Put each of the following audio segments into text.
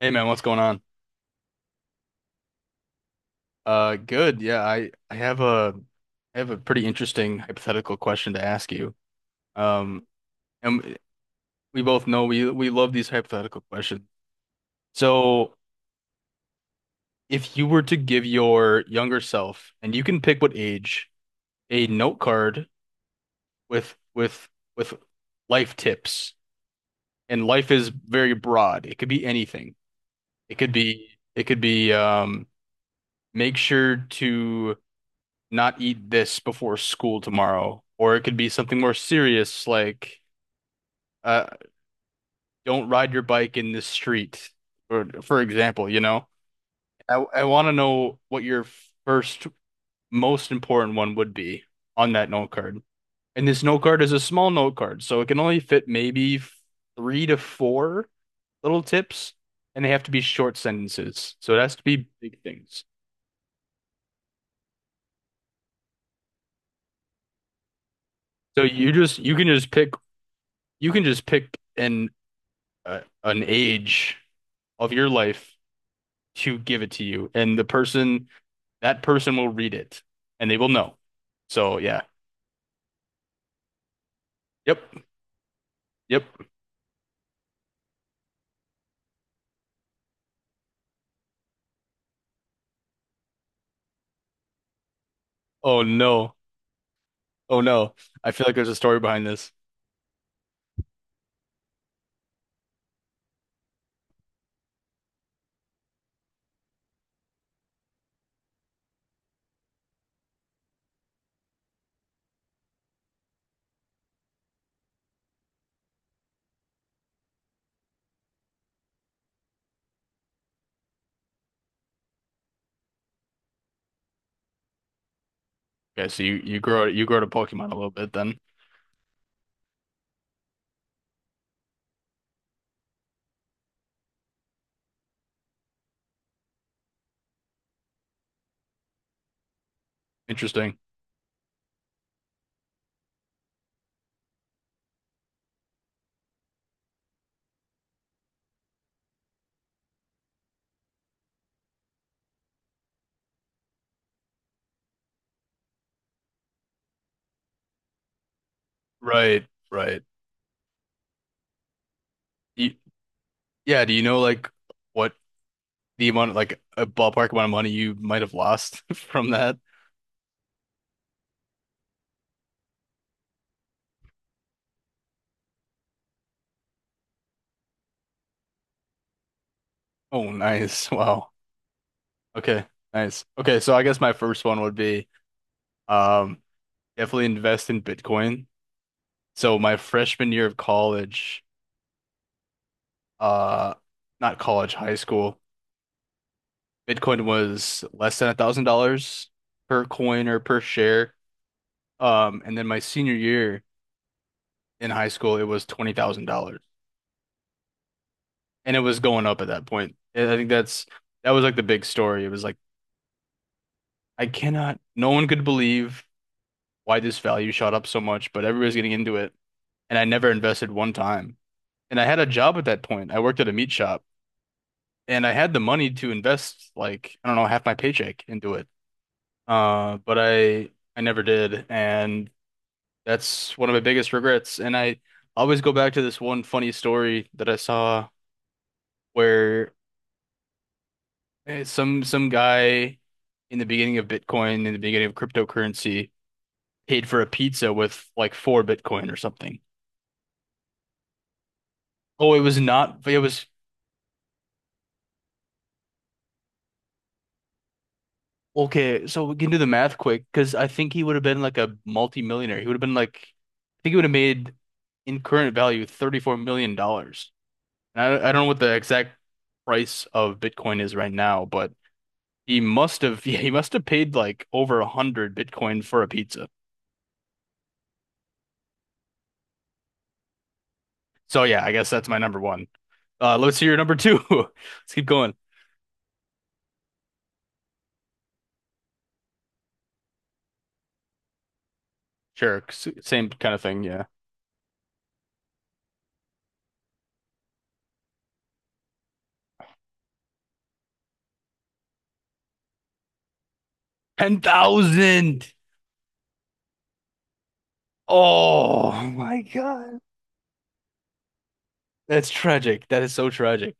Hey man, what's going on? Good. Yeah, I have a I have a pretty interesting hypothetical question to ask you. Um, and we both know we love these hypothetical questions. So, if you were to give your younger self, and you can pick what age, a note card with with life tips, and life is very broad. It could be anything. It could be it could be make sure to not eat this before school tomorrow. Or it could be something more serious like uh don't ride your bike in this street or for example, you know. I want to know what your first most important one would be on that note card. And this note card is a small note card, so it can only fit maybe three to four little tips and they have to be short sentences. So it has to be big things. So you can just pick you can just pick an age of your life to give it to you. And the person, that person will read it and they will know. So, yeah. Yep. Yep. Oh, no. Oh, no. I feel like there's a story behind this. Okay. So you, you grow to Pokemon a little bit then. Interesting. Right. Right. You, yeah. Do you know like what the amount, like a ballpark amount of money you might have lost from that? Oh, nice. Wow. Okay. Nice. Okay. So I guess my first one would be, um, definitely invest in Bitcoin. So my freshman year of college, uh, not college, high school, Bitcoin was less than $1,000 per coin or per share. And then my senior year in high school, it was $20,000, and it was going up at that point. And I think that's that was like the big story. It was like I cannot, no one could believe why this value shot up so much, but everybody's getting into it, and I never invested one time. And I had a job at that point. I worked at a meat shop. And I had the money to invest like I don't know half my paycheck into it. But I never did, and that's one of my biggest regrets. And I always go back to this one funny story that I saw where some guy in the beginning of Bitcoin, in the beginning of cryptocurrency, paid for a pizza with like four Bitcoin or something. Oh, it was not. It was okay, so we can do the math quick because I think he would have been like a multi-millionaire. He would have been like, I think he would have made in current value $34 million. Dollars. I don't know what the exact price of Bitcoin is right now, but he must have, yeah, he must have paid like over a hundred Bitcoin for a pizza. So yeah, I guess that's my number one. Let's hear your number two. Let's keep going. Sure, same kind of thing. Yeah, 10,000. Oh my God. That's tragic. That is so tragic.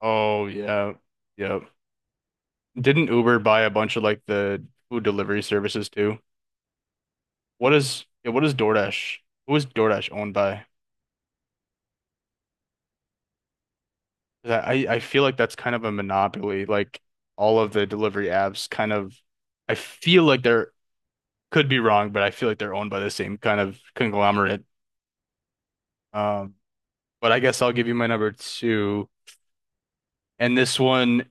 Oh yeah. Yep. Didn't Uber buy a bunch of like the food delivery services too? What is yeah, what is DoorDash? Who is DoorDash owned by? 'Cause I I feel like that's kind of a monopoly. Like all of the delivery apps kind of I feel like they're could be wrong, but I feel like they're owned by the same kind of conglomerate. Um, but I guess I'll give you my number two. And this one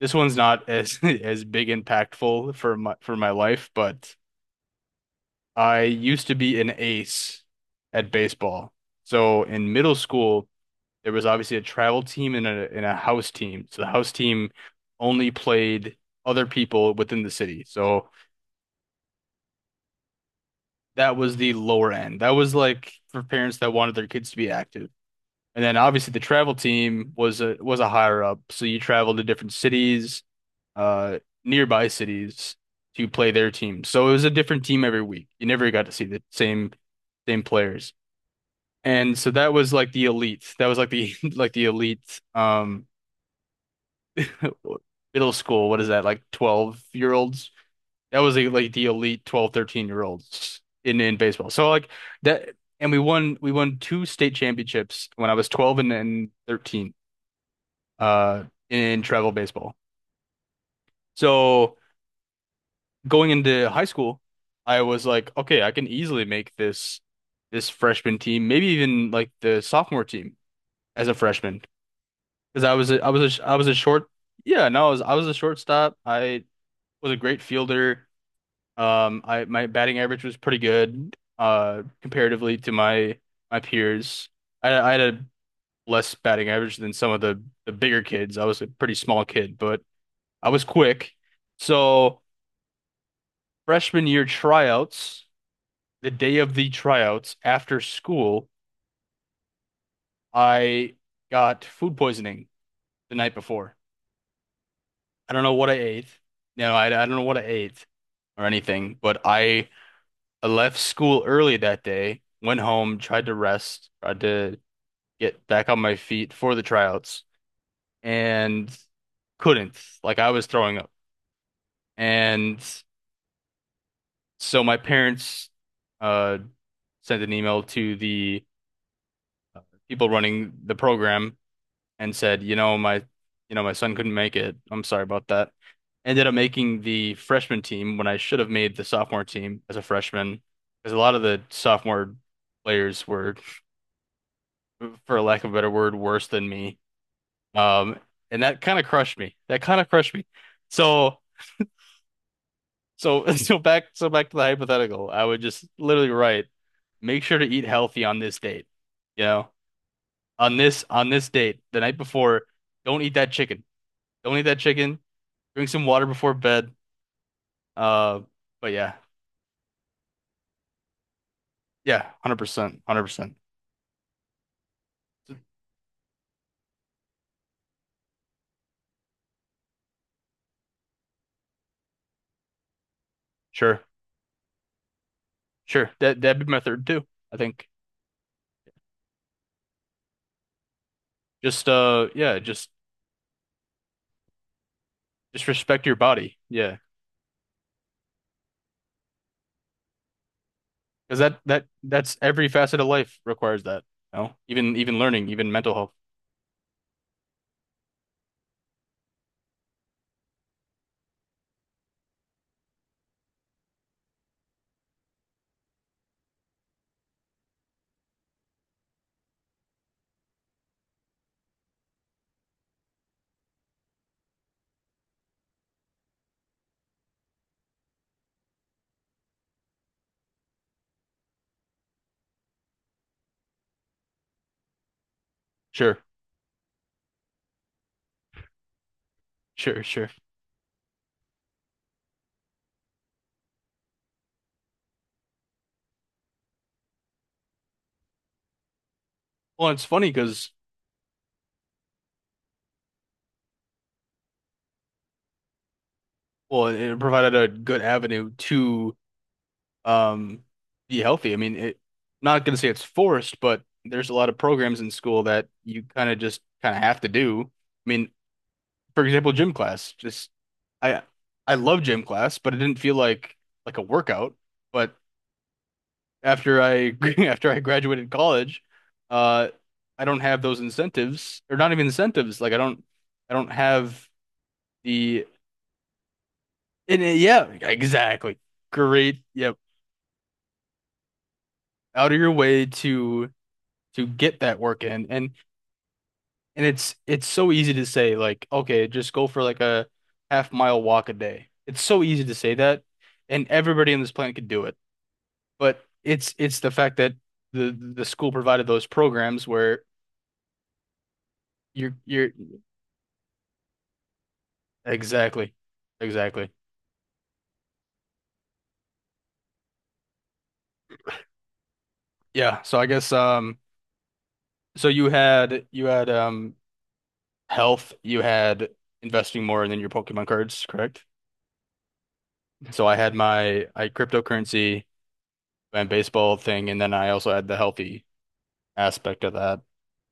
this one's not as as big impactful for my life, but I used to be an ace at baseball. So in middle school, there was obviously a travel team and a house team. So the house team only played other people within the city. So that was the lower end. That was like for parents that wanted their kids to be active. And then obviously the travel team was a higher up. So you traveled to different cities, uh nearby cities to play their team. So it was a different team every week. You never got to see the same players. And so that was like the elite. That was like the like the elite middle school. What is that? Like 12-year-olds. That was like the elite 12, 13 year olds in baseball. So like that and we won two state championships when I was 12 and, then 13 uh in travel baseball. So going into high school, I was like, okay, I can easily make this freshman team, maybe even like the sophomore team as a freshman because I was a short yeah no I was a shortstop I was a great fielder I my batting average was pretty good comparatively to my peers I had a less batting average than some of the bigger kids I was a pretty small kid but I was quick so freshman year tryouts the day of the tryouts after school I got food poisoning the night before I don't know what I ate. No, I don't know what I ate or anything, but I left school early that day, went home, tried to rest, tried to get back on my feet for the tryouts, and couldn't. Like I was throwing up. And so my parents uh, sent an email to the people running the program and said, you know, my son couldn't make it. I'm sorry about that. Ended up making the freshman team when I should have made the sophomore team as a freshman, because a lot of the sophomore players were, for lack of a better word, worse than me. Um, and that kind of crushed me. That kind of crushed me. So so so back to the hypothetical. I would just literally write, make sure to eat healthy on this date. You know, on this date, the night before, don't eat that chicken. Don't eat that chicken. Drink some water before bed. Uh, but yeah, yeah, 100%, 100%. Sure, sure. That that'd be my third too. I think just yeah, just respect your body. Yeah, because that's every facet of life requires that. You know, even even learning, even mental health. Sure, sure, sure. Well, it's funny because well, it provided a good avenue to um, be healthy. I mean, it, not going to say it's forced, but there's a lot of programs in school that you kind of just kind of have to do. I mean, for example, gym class. Just I I love gym class, but it didn't feel like a workout. But after I after I graduated college, uh, I don't have those incentives, or not even incentives. Like I don't have the and, yeah, exactly. Great. Yep. Out of your way to get that work in. And it's so easy to say like, okay, just go for like a half mile walk a day. It's so easy to say that, and everybody on this planet could do it. But it's the fact that the school provided those programs where you're exactly, exactly. Yeah. So I guess so you had health, you had investing more than your Pokemon cards, correct? So I had my I had cryptocurrency and baseball thing, and then I also had the healthy aspect of that.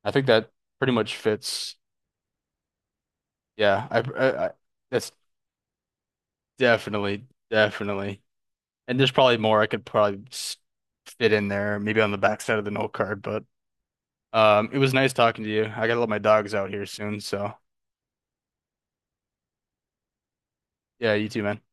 I think that pretty much fits. Yeah, I that's definitely definitely. And there's probably more I could probably fit in there, maybe on the backside of the note card. But it was nice talking to you. I gotta let my dogs out here soon, so yeah, you too, man.